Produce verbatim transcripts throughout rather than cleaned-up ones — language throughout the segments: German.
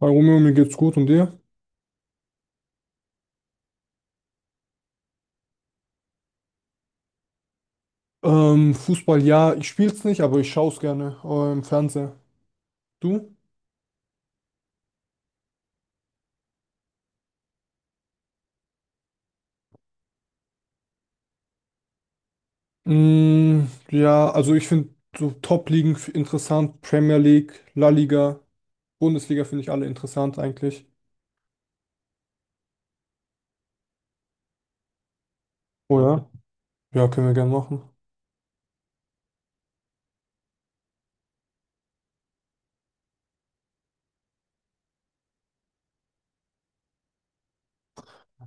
Hi Romeo, mir geht's gut und dir? Ähm, Fußball, ja, ich spiel's nicht, aber ich schaue es gerne äh, im Fernseher. Du? Mm, ja, also ich finde so Top-Ligen f- interessant, Premier League, La Liga, Bundesliga finde ich alle interessant eigentlich. Oh ja? Ja, können wir gerne machen.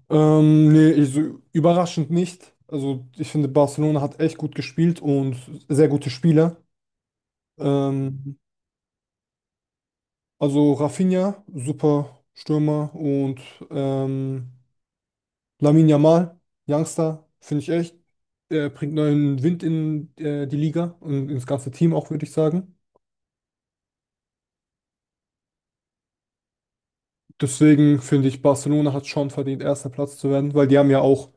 Ähm, nee, ich, so, überraschend nicht. Also ich finde, Barcelona hat echt gut gespielt und sehr gute Spieler. Ähm, also Rafinha, super Stürmer und ähm, Lamine Yamal, Youngster, finde ich echt. Er bringt neuen Wind in äh, die Liga und ins ganze Team auch, würde ich sagen. Deswegen finde ich, Barcelona hat schon verdient, erster Platz zu werden, weil die haben ja auch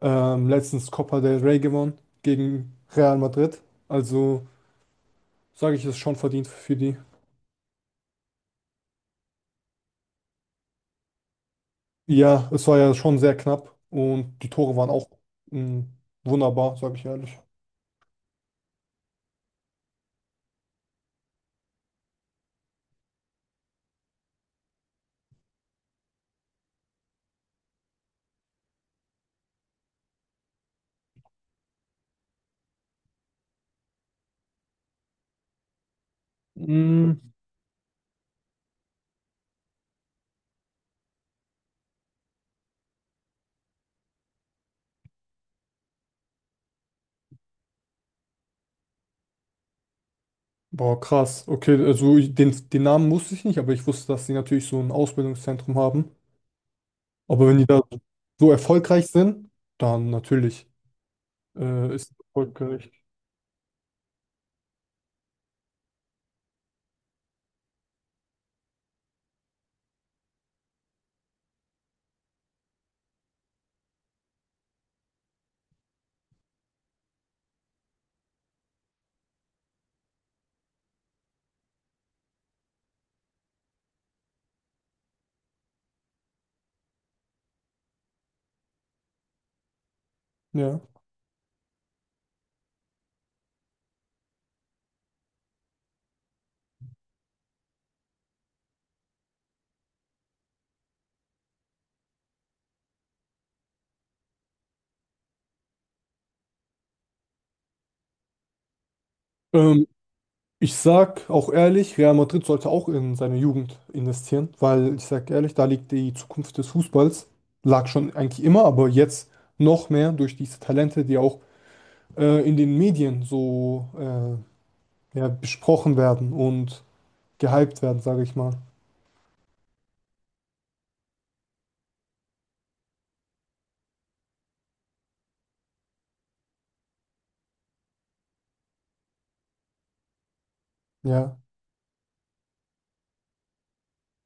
ähm, letztens Copa del Rey gewonnen gegen Real Madrid. Also sage ich, es ist schon verdient für die. Ja, es war ja schon sehr knapp und die Tore waren auch mm, wunderbar, sage ich ehrlich. Mm, boah, krass. Okay, also ich- den, den Namen wusste ich nicht, aber ich wusste, dass sie natürlich so ein Ausbildungszentrum haben. Aber wenn die da so erfolgreich sind, dann natürlich äh, ist es erfolgreich. Ja. Ähm, Ich sag auch ehrlich, Real Madrid sollte auch in seine Jugend investieren, weil ich sag ehrlich, da liegt die Zukunft des Fußballs. Lag schon eigentlich immer, aber jetzt noch mehr durch diese Talente, die auch äh, in den Medien so äh, ja, besprochen werden und gehypt werden, sage ich mal. Ja.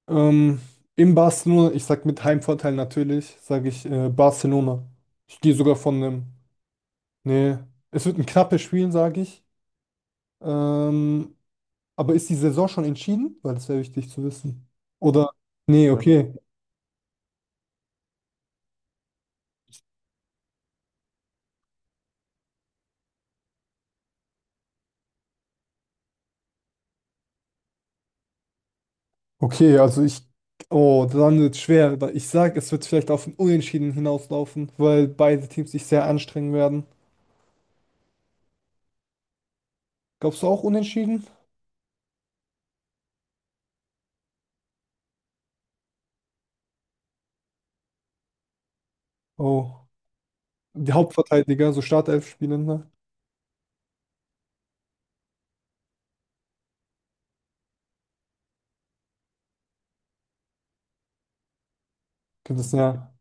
Ähm, in Barcelona, ich sag mit Heimvorteil natürlich, sage ich äh, Barcelona. Ich gehe sogar von einem. Nee, es wird ein knappes Spiel, sage ich. Ähm, aber ist die Saison schon entschieden? Weil das wäre wichtig zu wissen. Oder? Nee, okay. Okay, also ich. Oh, dann wird es schwer. Weil ich sag, es wird vielleicht auf ein Unentschieden hinauslaufen, weil beide Teams sich sehr anstrengen werden. Glaubst du auch Unentschieden? Oh. Die Hauptverteidiger, so Startelf spielen, ne? Könnte es ja.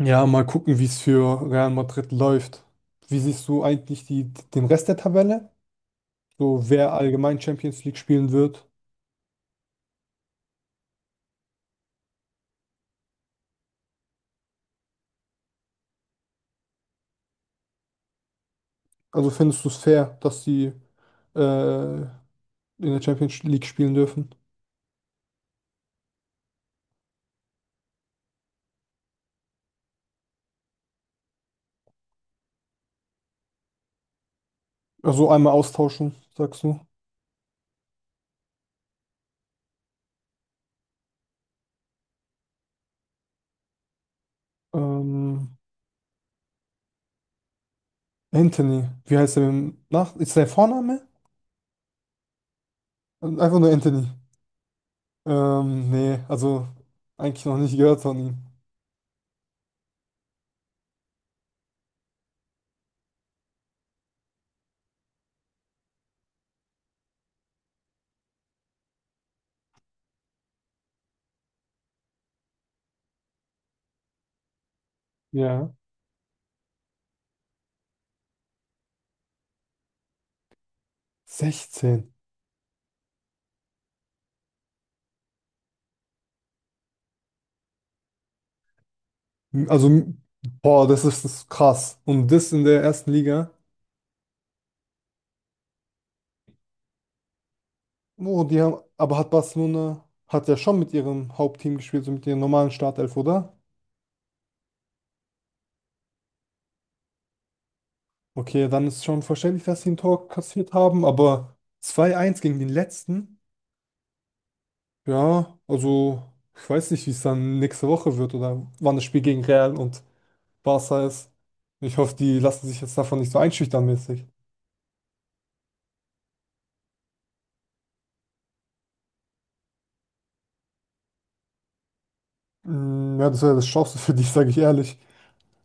Ja, mal gucken, wie es für Real Madrid läuft. Wie siehst du eigentlich die, den Rest der Tabelle? So, wer allgemein Champions League spielen wird? Also findest du es fair, dass sie äh, in der Champions League spielen dürfen? Also einmal austauschen, sagst du. Ähm, Anthony, wie heißt er mit Nach? Ist sein Vorname? Einfach nur Anthony. Ähm, nee, also eigentlich noch nicht gehört von ihm. Ja. sechzehn. Also, boah, das ist, das ist krass. Und das in der ersten Liga. Oh, die haben, aber hat Barcelona, hat ja schon mit ihrem Hauptteam gespielt, so mit ihrem normalen Startelf, oder? Okay, dann ist schon verständlich, dass sie ein Tor kassiert haben, aber zwei eins gegen den letzten? Ja, also, ich weiß nicht, wie es dann nächste Woche wird oder wann das Spiel gegen Real und Barca ist. Ich hoffe, die lassen sich jetzt davon nicht so einschüchtern mäßig. Mm, ja, das wäre das Schlimmste für dich, sage ich ehrlich.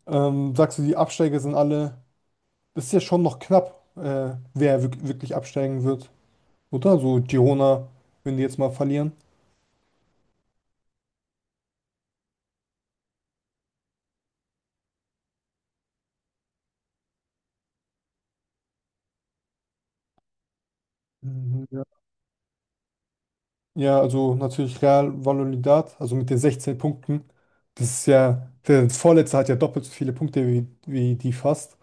Ähm, sagst du, die Absteiger sind alle. Das ist ja schon noch knapp, äh, wer wirk- wirklich absteigen wird, oder? So Girona, wenn die jetzt mal verlieren. Mhm, ja. Ja, also natürlich Real Valladolid, also mit den sechzehn Punkten. Das ist ja, der Vorletzte hat ja doppelt so viele Punkte wie, wie die fast.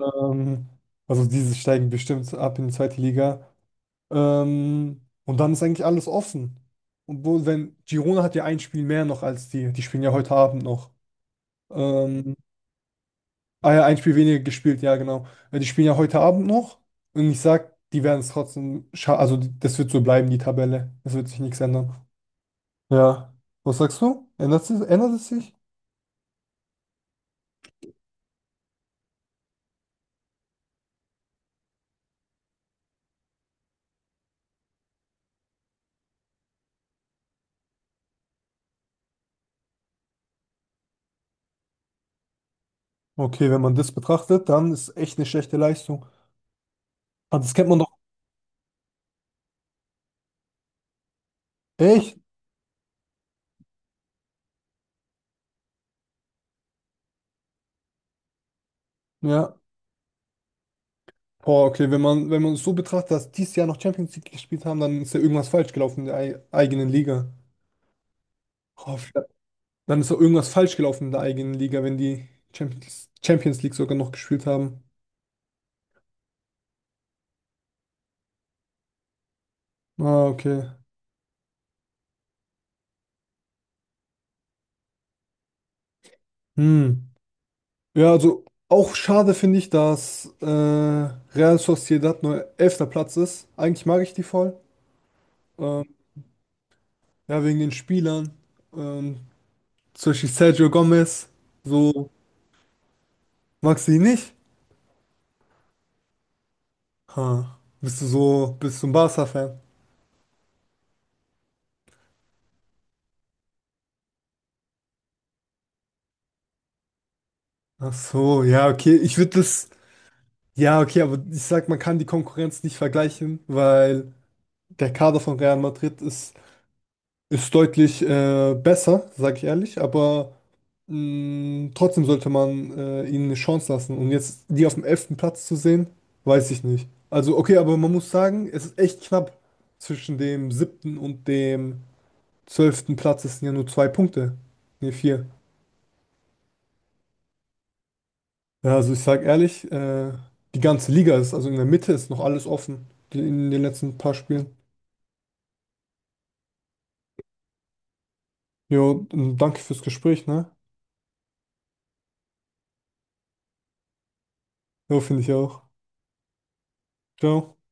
Ähm, also diese steigen bestimmt ab in die zweite Liga. Ähm, und dann ist eigentlich alles offen. Und wo, wenn Girona hat ja ein Spiel mehr noch als die, die spielen ja heute Abend noch. Ähm, Ah ja, ein Spiel weniger gespielt, ja, genau. Weil die spielen ja heute Abend noch und ich sag, die werden es trotzdem scha- Also, die- das wird so bleiben, die Tabelle. Es wird sich nichts ändern. Ja. Was sagst du? Ändert es, ändert es sich? Okay, wenn man das betrachtet, dann ist echt eine schlechte Leistung. Ah, das kennt man doch. Echt? Ja. Boah, okay, wenn man, wenn man es so betrachtet, dass dieses Jahr noch Champions League gespielt haben, dann ist ja irgendwas falsch gelaufen in der ei- eigenen Liga. Oh, vielleicht dann ist doch irgendwas falsch gelaufen in der eigenen Liga, wenn die Champions, Champions League sogar noch gespielt haben. Ah, okay. Hm. Ja, also auch schade finde ich, dass äh, Real Sociedad nur elfter Platz ist. Eigentlich mag ich die voll. Ähm, ja, wegen den Spielern. Ähm, Zum Beispiel Sergio Gomez. So, magst du ihn nicht? Ha. Bist du so, bist du ein Barca-Fan? Ach so, ja, okay. Ich würde das, ja, okay, aber ich sag, man kann die Konkurrenz nicht vergleichen, weil der Kader von Real Madrid ist, ist deutlich äh, besser, sag ich ehrlich. Aber mm, trotzdem sollte man äh, ihnen eine Chance lassen. Und jetzt die auf dem elften Platz zu sehen, weiß ich nicht. Also, okay, aber man muss sagen, es ist echt knapp. Zwischen dem siebten und dem zwölften Platz. Es sind ja nur zwei Punkte. Ne, vier. Ja, also ich sag ehrlich, äh, die ganze Liga ist, also in der Mitte ist noch alles offen. die- In den letzten paar Spielen. Jo, und danke fürs Gespräch, ne? Jo, finde ich auch. Ciao.